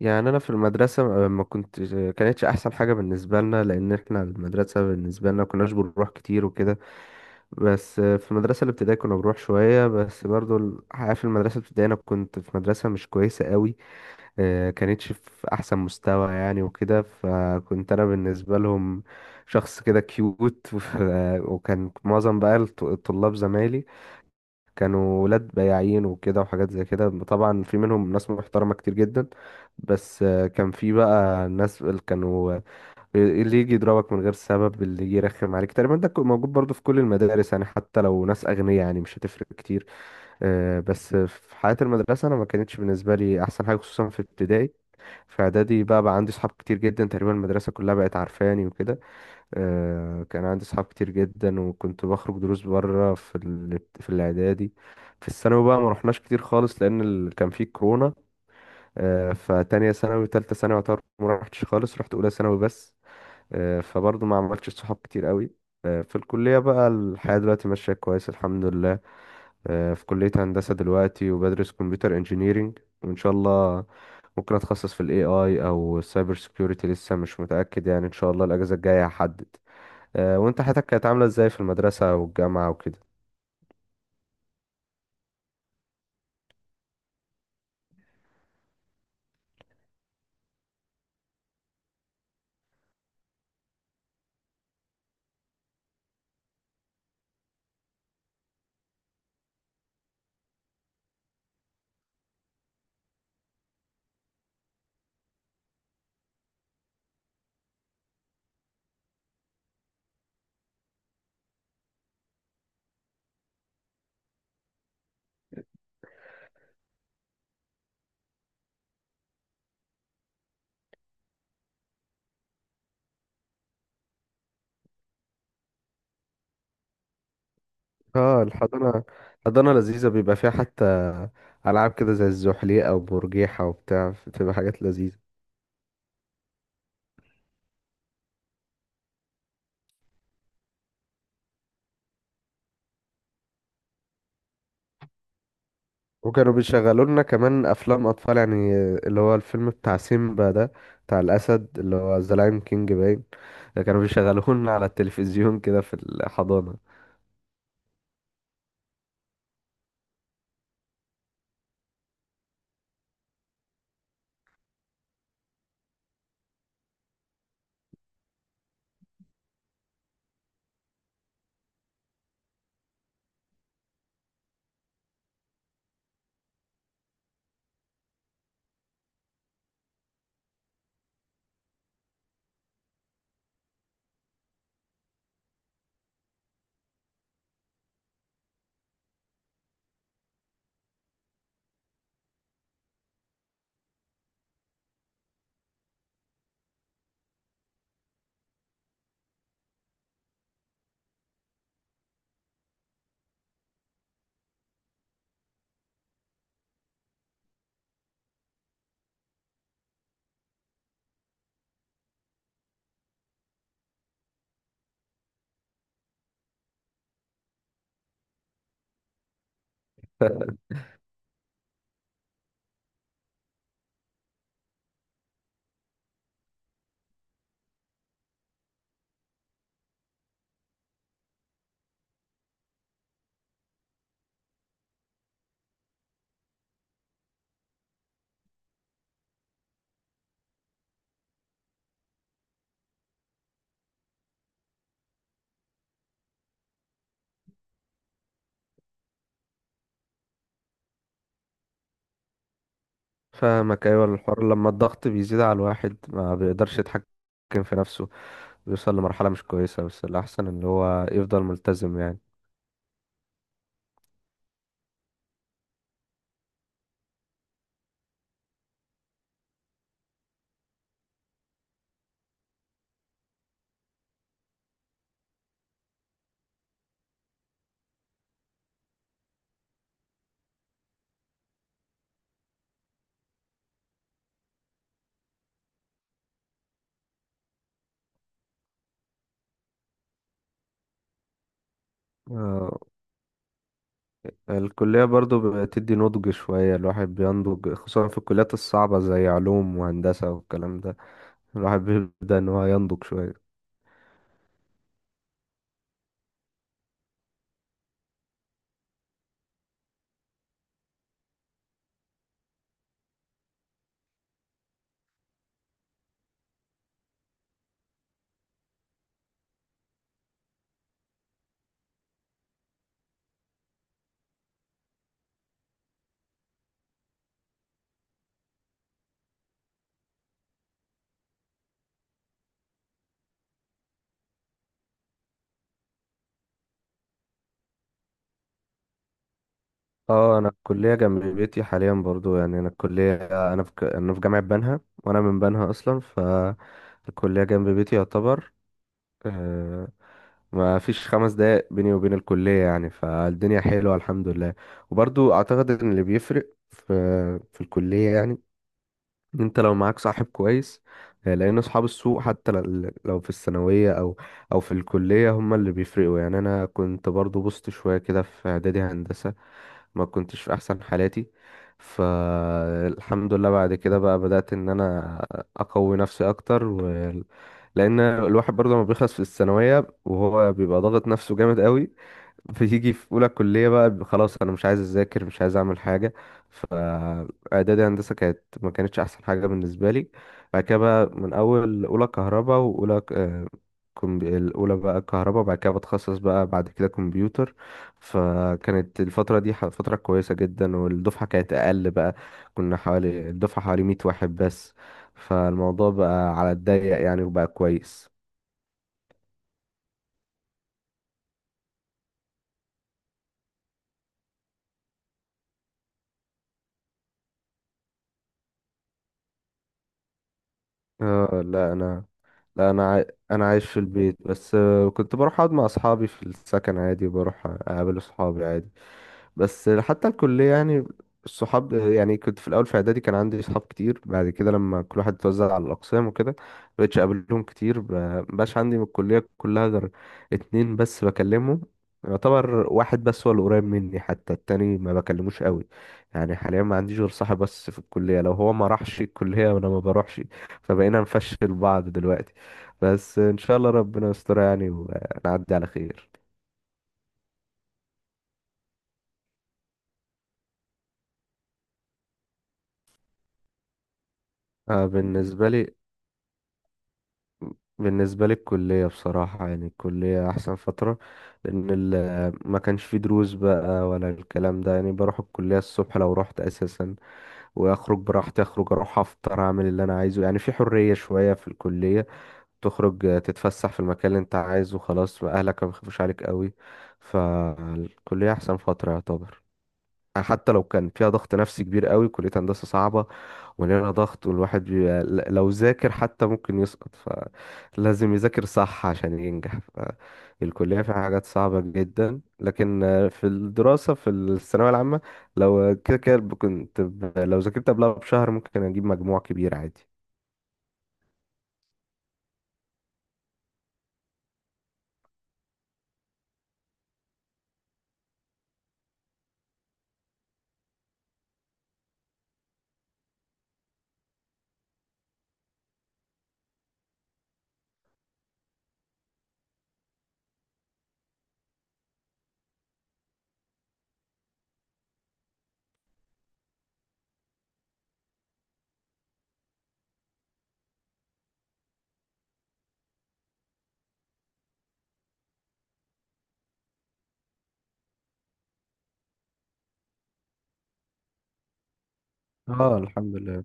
يعني انا في المدرسه ما كنت كانتش احسن حاجه بالنسبه لنا لان احنا المدرسه بالنسبه لنا كناش بنروح كتير وكده. بس في المدرسه الابتدائيه كنا بنروح شويه، بس برضو الحقيقه في المدرسه الابتدائيه انا كنت في مدرسه مش كويسه قوي. كانتش في احسن مستوى يعني وكده، فكنت انا بالنسبه لهم شخص كده كيوت. وكان معظم بقى الطلاب زمايلي كانوا ولاد بياعين وكده وحاجات زي كده، طبعا في منهم ناس محترمة كتير جدا. بس كان في بقى ناس اللي كانوا اللي يجي يضربك من غير سبب، اللي يجي يرخم عليك، تقريبا ده كان موجود برضو في كل المدارس يعني، حتى لو ناس أغنياء يعني مش هتفرق كتير. بس في حياة المدرسة أنا ما كانتش بالنسبة لي أحسن حاجة، خصوصا في ابتدائي. في إعدادي بقى عندي صحاب كتير جدا، تقريبا المدرسة كلها بقت عارفاني وكده. كان عندي صحاب كتير جدا، وكنت بخرج دروس بره في في الاعدادي. في الثانوي بقى ما رحناش كتير خالص لان كان في كورونا. فتانية ثانوي وتالتة ثانوي يعتبر ما رحتش خالص، رحت اولى ثانوي بس. فبرضه ما عملتش صحاب كتير قوي. في الكلية بقى الحياة دلوقتي ماشية كويس الحمد لله. في كلية هندسة دلوقتي وبدرس كمبيوتر انجينيرينج، وإن شاء الله ممكن أتخصص في ال AI أو السايبر سيكيورتي، لسه مش متأكد يعني، إن شاء الله الأجازة الجاية هحدد. وانت حياتك كانت عاملة ازاي في المدرسة والجامعة وكده؟ اه الحضانة. الحضانة لذيذة، بيبقى فيها حتى ألعاب كده زي الزحليقة وبرجيحة وبتاع، بتبقى حاجات لذيذة. وكانوا بيشغلوا لنا كمان أفلام أطفال، يعني اللي هو الفيلم بتاع سيمبا ده، بتاع الأسد اللي هو ذا لاين كينج باين، ده كانوا بيشغلوه لنا على التلفزيون كده في الحضانة. فاهمك، أيوة الحوار، لما الضغط بيزيد على الواحد ما بيقدرش يتحكم في نفسه، بيوصل لمرحلة مش كويسة، بس الأحسن إن هو يفضل ملتزم يعني. آه، الكلية برضو بتدي نضج شوية، الواحد بينضج خصوصا في الكليات الصعبة زي علوم وهندسة والكلام ده، الواحد بيبدأ إن هو ينضج شوية. اه انا الكليه جنب بيتي حاليا برضو، يعني انا الكليه، انا في انا في جامعه بنها وانا من بنها اصلا، فالكليه جنب بيتي يعتبر. آه، ما فيش خمس دقايق بيني وبين الكلية يعني، فالدنيا حلوة الحمد لله. وبرضو أعتقد إن اللي بيفرق في الكلية يعني إن انت لو معاك صاحب كويس. لان اصحاب السوق حتى لو في الثانويه او او في الكليه هم اللي بيفرقوا يعني. انا كنت برضو بوظت شويه كده في اعدادي هندسه، ما كنتش في احسن حالاتي. فالحمد لله بعد كده بقى بدات ان انا اقوي نفسي اكتر و... لان الواحد برضه لما بيخلص في الثانويه وهو بيبقى ضاغط نفسه جامد قوي، بتيجي في اولى كليه بقى خلاص انا مش عايز اذاكر مش عايز اعمل حاجه. فاعدادي هندسه كانت ما كانتش احسن حاجه بالنسبه لي. بعد كده بقى من اول اولى كهرباء واولى الاولى بقى كهرباء، بعد كده بتخصص بقى بعد كده كمبيوتر. فكانت الفتره دي فتره كويسه جدا، والدفعه كانت اقل بقى، كنا حوالي الدفعه 100 واحد بس، فالموضوع بقى على الضيق يعني وبقى كويس. اه لا انا، لا انا عاي... انا عايش في البيت، بس كنت بروح اقعد مع اصحابي في السكن عادي، بروح اقابل اصحابي عادي. بس حتى الكلية يعني الصحاب، يعني كنت في الأول في إعدادي كان عندي صحاب كتير، بعد كده لما كل واحد اتوزع على الأقسام وكده مبقتش أقابلهم كتير. مبقاش عندي من الكلية كلها غير اتنين بس بكلمهم، يعتبر واحد بس هو اللي قريب مني، حتى التاني ما بكلموش قوي. يعني حاليا ما عنديش غير صاحب بس في الكلية، لو هو ما راحش الكلية وأنا ما بروحش فبقينا نفشل بعض دلوقتي. بس إن شاء الله ربنا يستر يعني ونعدي على خير. بالنسبة لي بالنسبة لي الكلية بصراحة يعني الكلية أحسن فترة، لأن ما كانش فيه دروس بقى ولا الكلام ده يعني، بروح الكلية الصبح لو رحت أساسا وأخرج براحتي، أخرج أروح أفطر أعمل اللي أنا عايزه، يعني في حرية شوية في الكلية. تخرج تتفسح في المكان اللي أنت عايزه، خلاص أهلك ما بيخافوش عليك قوي. فالكلية أحسن فترة يعتبر، يعني حتى لو كان فيها ضغط نفسي كبير قوي، كلية هندسة صعبة ولنا ضغط، لو ذاكر حتى ممكن يسقط، فلازم يذاكر صح عشان ينجح. فالكلية فيها حاجات صعبة جدا، لكن في الدراسة في الثانوية العامة لو كده كده كنت لو ذاكرت قبلها بشهر ممكن أجيب مجموع كبير عادي. اه الحمد لله.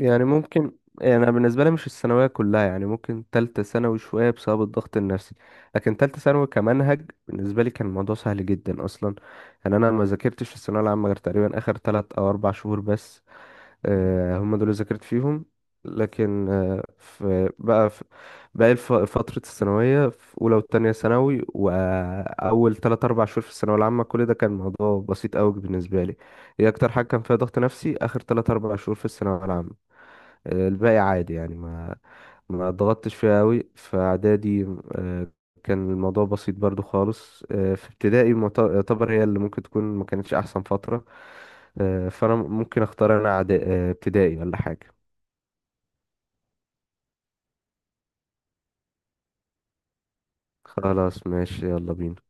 يعني يعني انا بالنسبه لي مش الثانويه كلها، يعني ممكن تالتة ثانوي شويه بسبب الضغط النفسي، لكن تالتة ثانوي كمنهج بالنسبه لي كان الموضوع سهل جدا اصلا. يعني انا ما ذاكرتش في الثانويه العامه غير تقريبا اخر ثلاث او اربع شهور بس، هم دول اللي ذاكرت فيهم. لكن في باقي فتره الثانويه في اولى وثانيه ثانوي واول ثلاث اربع شهور في الثانويه العامه كل ده كان موضوع بسيط قوي بالنسبه لي. هي اكتر حاجه كان فيها ضغط نفسي اخر ثلاث اربع شهور في الثانويه العامه. الباقي عادي يعني، ما ضغطتش فيها قوي. في اعدادي آه، كان الموضوع بسيط برضو خالص. في ابتدائي يعتبر هي اللي ممكن تكون ما كانتش احسن فترة. فانا ممكن اختار انا ابتدائي ولا حاجة. خلاص ماشي يلا بينا.